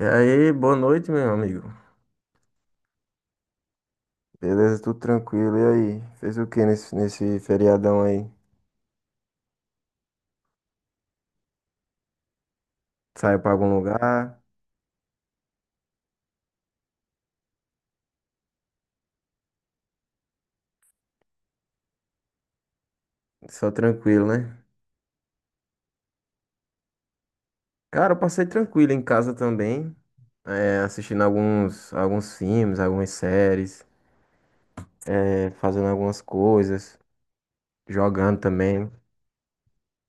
E aí, boa noite, meu amigo. Beleza, tudo tranquilo. E aí? Fez o que nesse feriadão aí? Saiu pra algum lugar? Só tranquilo, né? Cara, eu passei tranquilo em casa também, assistindo alguns filmes, algumas séries, fazendo algumas coisas, jogando também.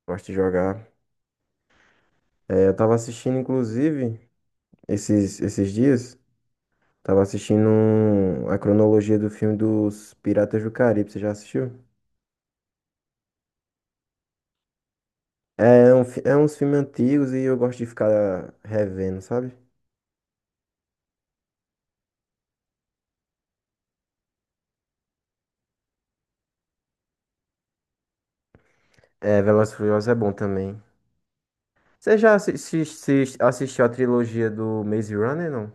Gosto de jogar. Eu tava assistindo, inclusive, esses dias, tava assistindo a cronologia do filme dos Piratas do Caribe. Você já assistiu? É uns filmes antigos e eu gosto de ficar revendo, sabe? É, Velozes e Furiosos é bom também. Você já assistiu a trilogia do Maze Runner, não?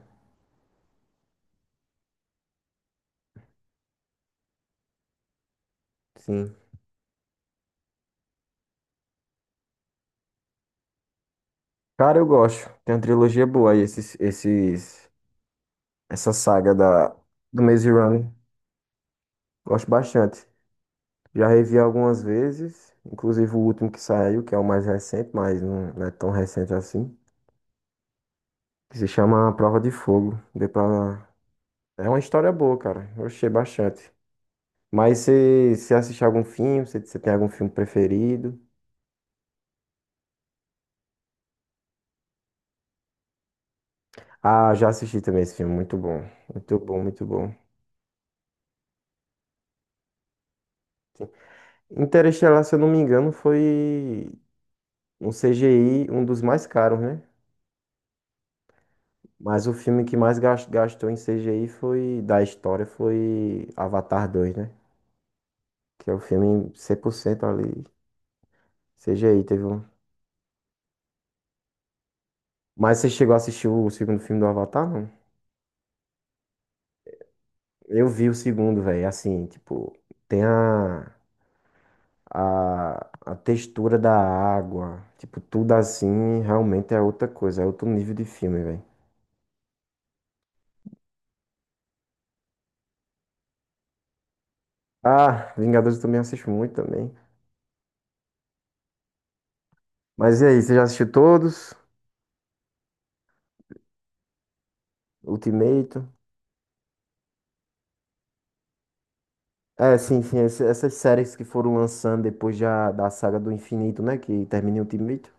Sim. Cara, eu gosto. Tem uma trilogia boa aí, essa saga do Maze Runner. Gosto bastante. Já revi algumas vezes, inclusive o último que saiu, que é o mais recente, mas não é tão recente assim. Que se chama A Prova de Fogo. Deu pra... É uma história boa, cara. Eu achei bastante. Mas você assiste algum filme? Você tem algum filme preferido? Ah, já assisti também esse filme. Muito bom. Muito bom, muito bom. Interestelar, se eu não me engano, foi um CGI, um dos mais caros, né? Mas o filme que mais gastou em CGI foi, da história foi Avatar 2, né? Que é o filme 100% ali. CGI teve um. Mas você chegou a assistir o segundo filme do Avatar, não? Eu vi o segundo, velho. Assim, tipo, tem a. A textura da água, tipo, tudo assim, realmente é outra coisa, é outro nível de filme, velho. Ah, Vingadores eu também assisto muito também. Mas e aí, você já assistiu todos? Ultimato? É, sim, sim, essas séries que foram lançando depois já da saga do infinito, né, que termina em Ultimato.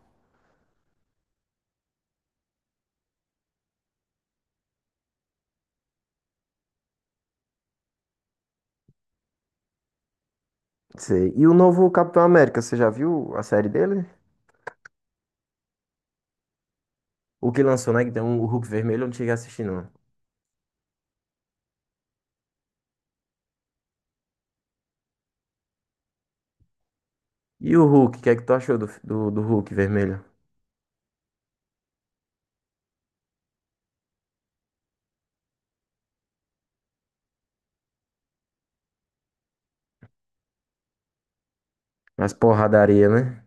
Sei. E o novo Capitão América, você já viu a série dele? O que lançou, né, que tem um o Hulk vermelho, eu não cheguei a assistir, não. E o Hulk, o que é que tu achou do Hulk vermelho? As porradaria, né?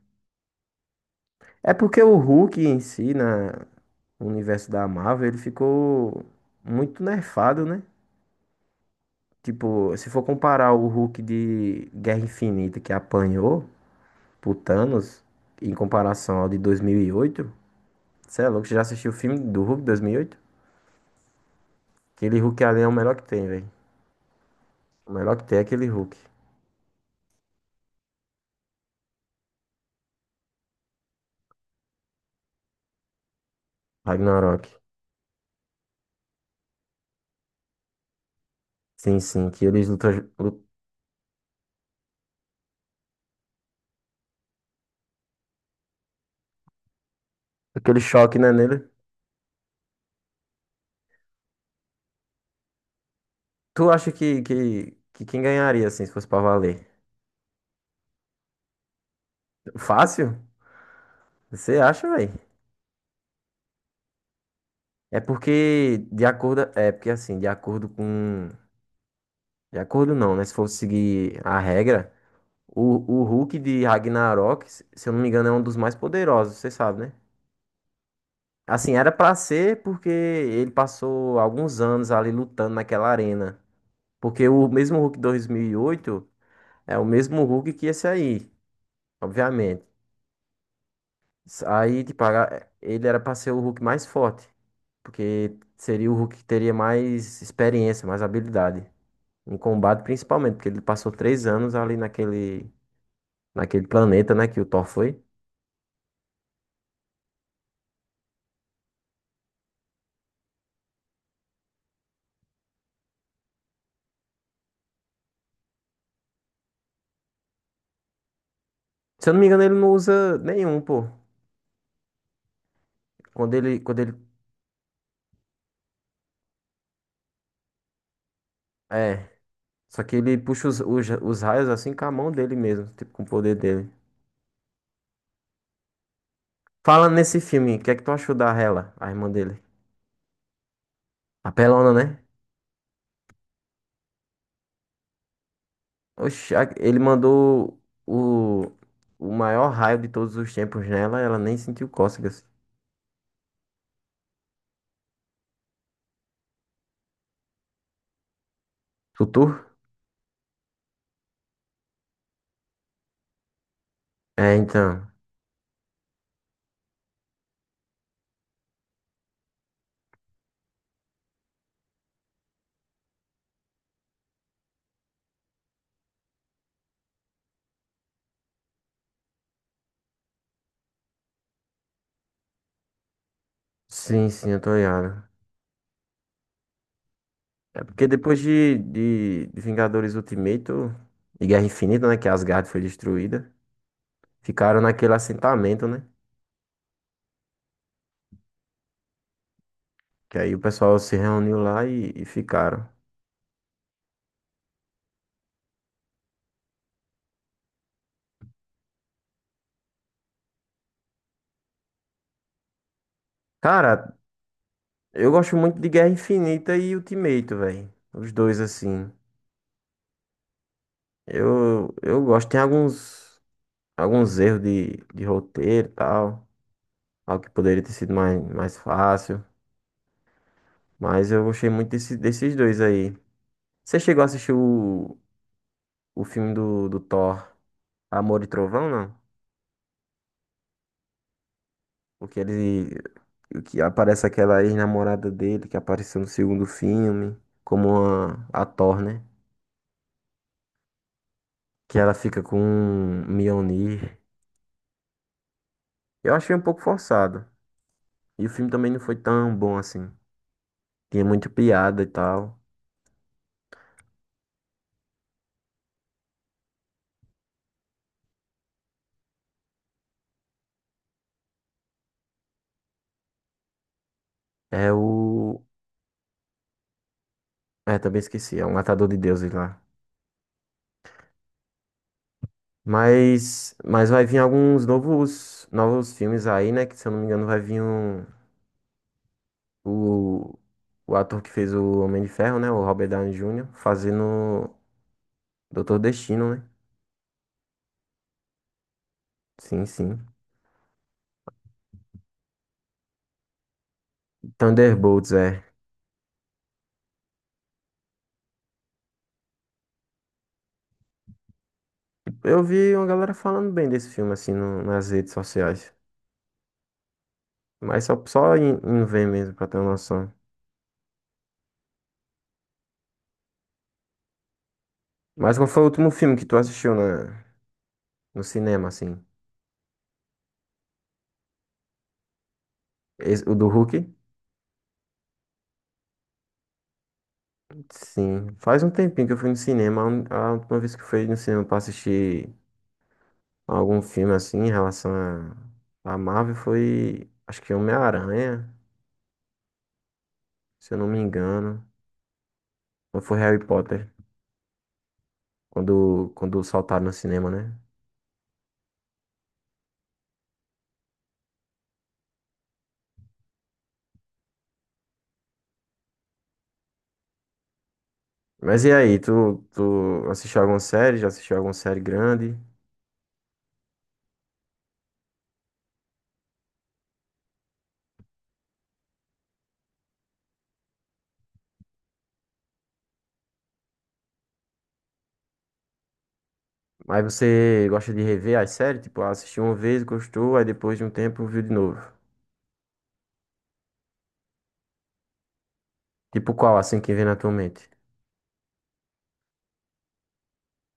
É porque o Hulk em si, no universo da Marvel, ele ficou muito nerfado, né? Tipo, se for comparar o Hulk de Guerra Infinita que apanhou pro Thanos, em comparação ao de 2008, cê é louco, você já assistiu o filme do Hulk de 2008? Aquele Hulk ali é o melhor que tem, velho. O melhor que tem é aquele Hulk. Ragnarok. Sim, sim, que eles lutam, lutam aquele choque, né, nele. Tu acha que quem ganharia, assim, se fosse pra valer? Fácil? Você acha, velho? É porque de acordo, é porque assim, de acordo com, de acordo não, né? Se for seguir a regra, o, o Hulk de Ragnarok, se eu não me engano, é um dos mais poderosos, você sabe, né? Assim, era pra ser porque ele passou alguns anos ali lutando naquela arena. Porque o mesmo Hulk 2008 é o mesmo Hulk que esse aí, obviamente. Aí, tipo, ele era pra ser o Hulk mais forte, porque seria o Hulk que teria mais experiência, mais habilidade. Em combate, principalmente, porque ele passou 3 anos ali naquele planeta, né? Que o Thor foi. Se eu não me engano, ele não usa nenhum, pô. Quando ele, quando ele, é. Só que ele puxa os raios assim com a mão dele mesmo, tipo, com o poder dele. Fala nesse filme, o que é que tu achou da Hela, a irmã dele? A pelona, né? Oxe, ele mandou o, o maior raio de todos os tempos nela, ela nem sentiu cócegas. Tutu? É, então. Sim, sim, eu tô ligado. É porque depois de Vingadores Ultimato e Guerra Infinita, né? Que Asgard foi destruída. Ficaram naquele assentamento, né? Que aí o pessoal se reuniu lá e ficaram. Cara, eu gosto muito de Guerra Infinita e Ultimato, velho. Os dois, assim. Eu gosto. Tem alguns, alguns erros de roteiro e tal. Algo que poderia ter sido mais, mais fácil. Mas eu gostei muito desse, desses dois aí. Você chegou a assistir o filme do Thor, Amor e Trovão, não? Porque ele. Que aparece aquela ex-namorada dele que apareceu no segundo filme, como a Thor, né? Que ela fica com um Mjolnir. Eu achei um pouco forçado. E o filme também não foi tão bom assim. Tinha muita piada e tal. É o. É, também esqueci. É um Matador de Deuses lá. Mas. Mas vai vir alguns novos. Novos filmes aí, né? Que se eu não me engano vai vir um. O. O ator que fez o Homem de Ferro, né? O Robert Downey júnior fazendo Doutor Destino, né? Sim, sim. Thunderbolts, é. Eu vi uma galera falando bem desse filme, assim, nas redes sociais. Mas só em, em ver mesmo, pra ter uma noção. Mas qual foi o último filme que tu assistiu na, no cinema, assim? O do Hulk? Sim. Faz um tempinho que eu fui no cinema. A última vez que eu fui no cinema pra assistir algum filme, assim, em relação a Marvel foi, acho que Homem-Aranha, se eu não me engano. Ou foi Harry Potter, quando saltaram no cinema, né? Mas e aí, tu assistiu alguma série? Já assistiu alguma série grande? Mas você gosta de rever as séries? Tipo, ah, assistiu uma vez, gostou, aí depois de um tempo viu de novo. Tipo qual, assim, que vem na tua mente?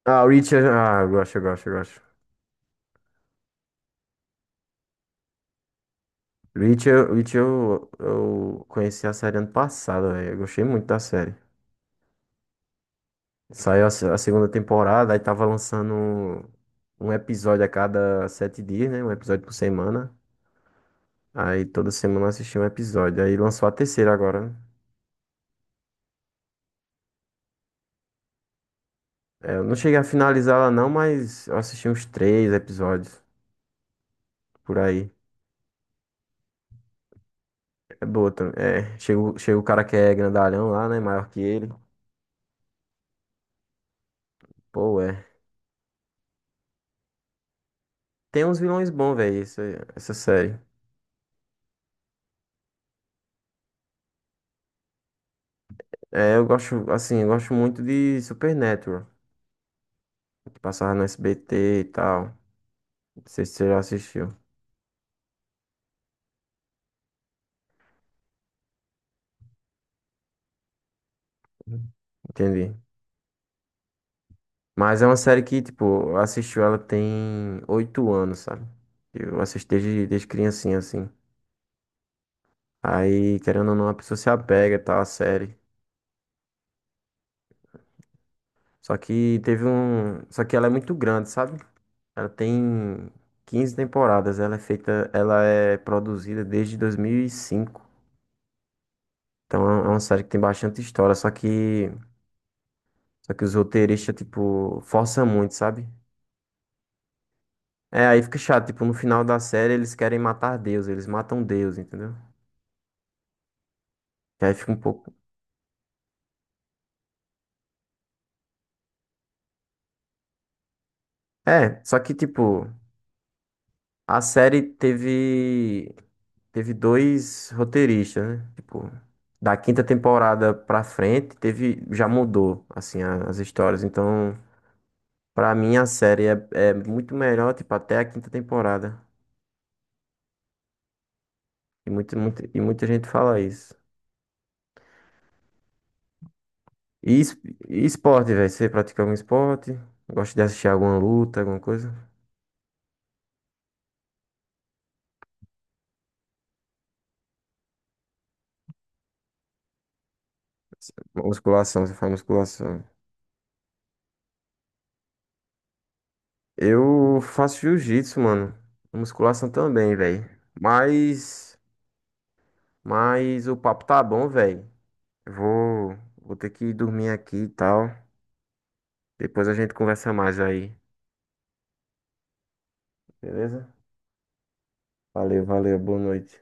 Ah, Reacher. Ah, eu gosto, eu gosto, eu gosto. Reacher, eu conheci a série ano passado, velho. Eu gostei muito da série. Saiu a, se- a segunda temporada, aí tava lançando um episódio a cada 7 dias, né? Um episódio por semana. Aí toda semana eu assistia um episódio. Aí lançou a terceira agora, né? É, eu não cheguei a finalizar ela não, mas eu assisti uns 3 episódios por aí. É boa também. É, chega o cara que é grandalhão lá, né? Maior que ele. Pô, é. Tem uns vilões bons, velho, essa série. É, eu gosto, assim, eu gosto muito de Supernatural, que passava no SBT e tal. Não sei se você já assistiu. Uhum. Entendi. Mas é uma série que, tipo, eu assisti ela tem 8 anos, sabe? Eu assisti desde criancinha, assim. Aí, querendo ou não, a pessoa se apega e tal, à série. Só que teve um. Só que ela é muito grande, sabe? Ela tem 15 temporadas. Ela é feita. Ela é produzida desde 2005. Então é uma série que tem bastante história. Só que. Só que os roteiristas, tipo, forçam muito, sabe? É, aí fica chato. Tipo, no final da série eles querem matar Deus. Eles matam Deus, entendeu? E aí fica um pouco. É, só que, tipo, a série teve. Teve dois roteiristas, né? Tipo, da quinta temporada pra frente, teve, já mudou, assim, as histórias. Então, pra mim, a série é, é muito melhor, tipo, até a quinta temporada. E, muito, muito, e muita gente fala isso. E, es- e esporte, velho? Você pratica algum esporte? Gosta de assistir alguma luta, alguma coisa? Musculação, você faz musculação. Eu faço jiu-jitsu, mano. Musculação também, velho. Mas, mas o papo tá bom, velho. Vou ter que dormir aqui e tal. Depois a gente conversa mais aí, beleza? Valeu, valeu, boa noite.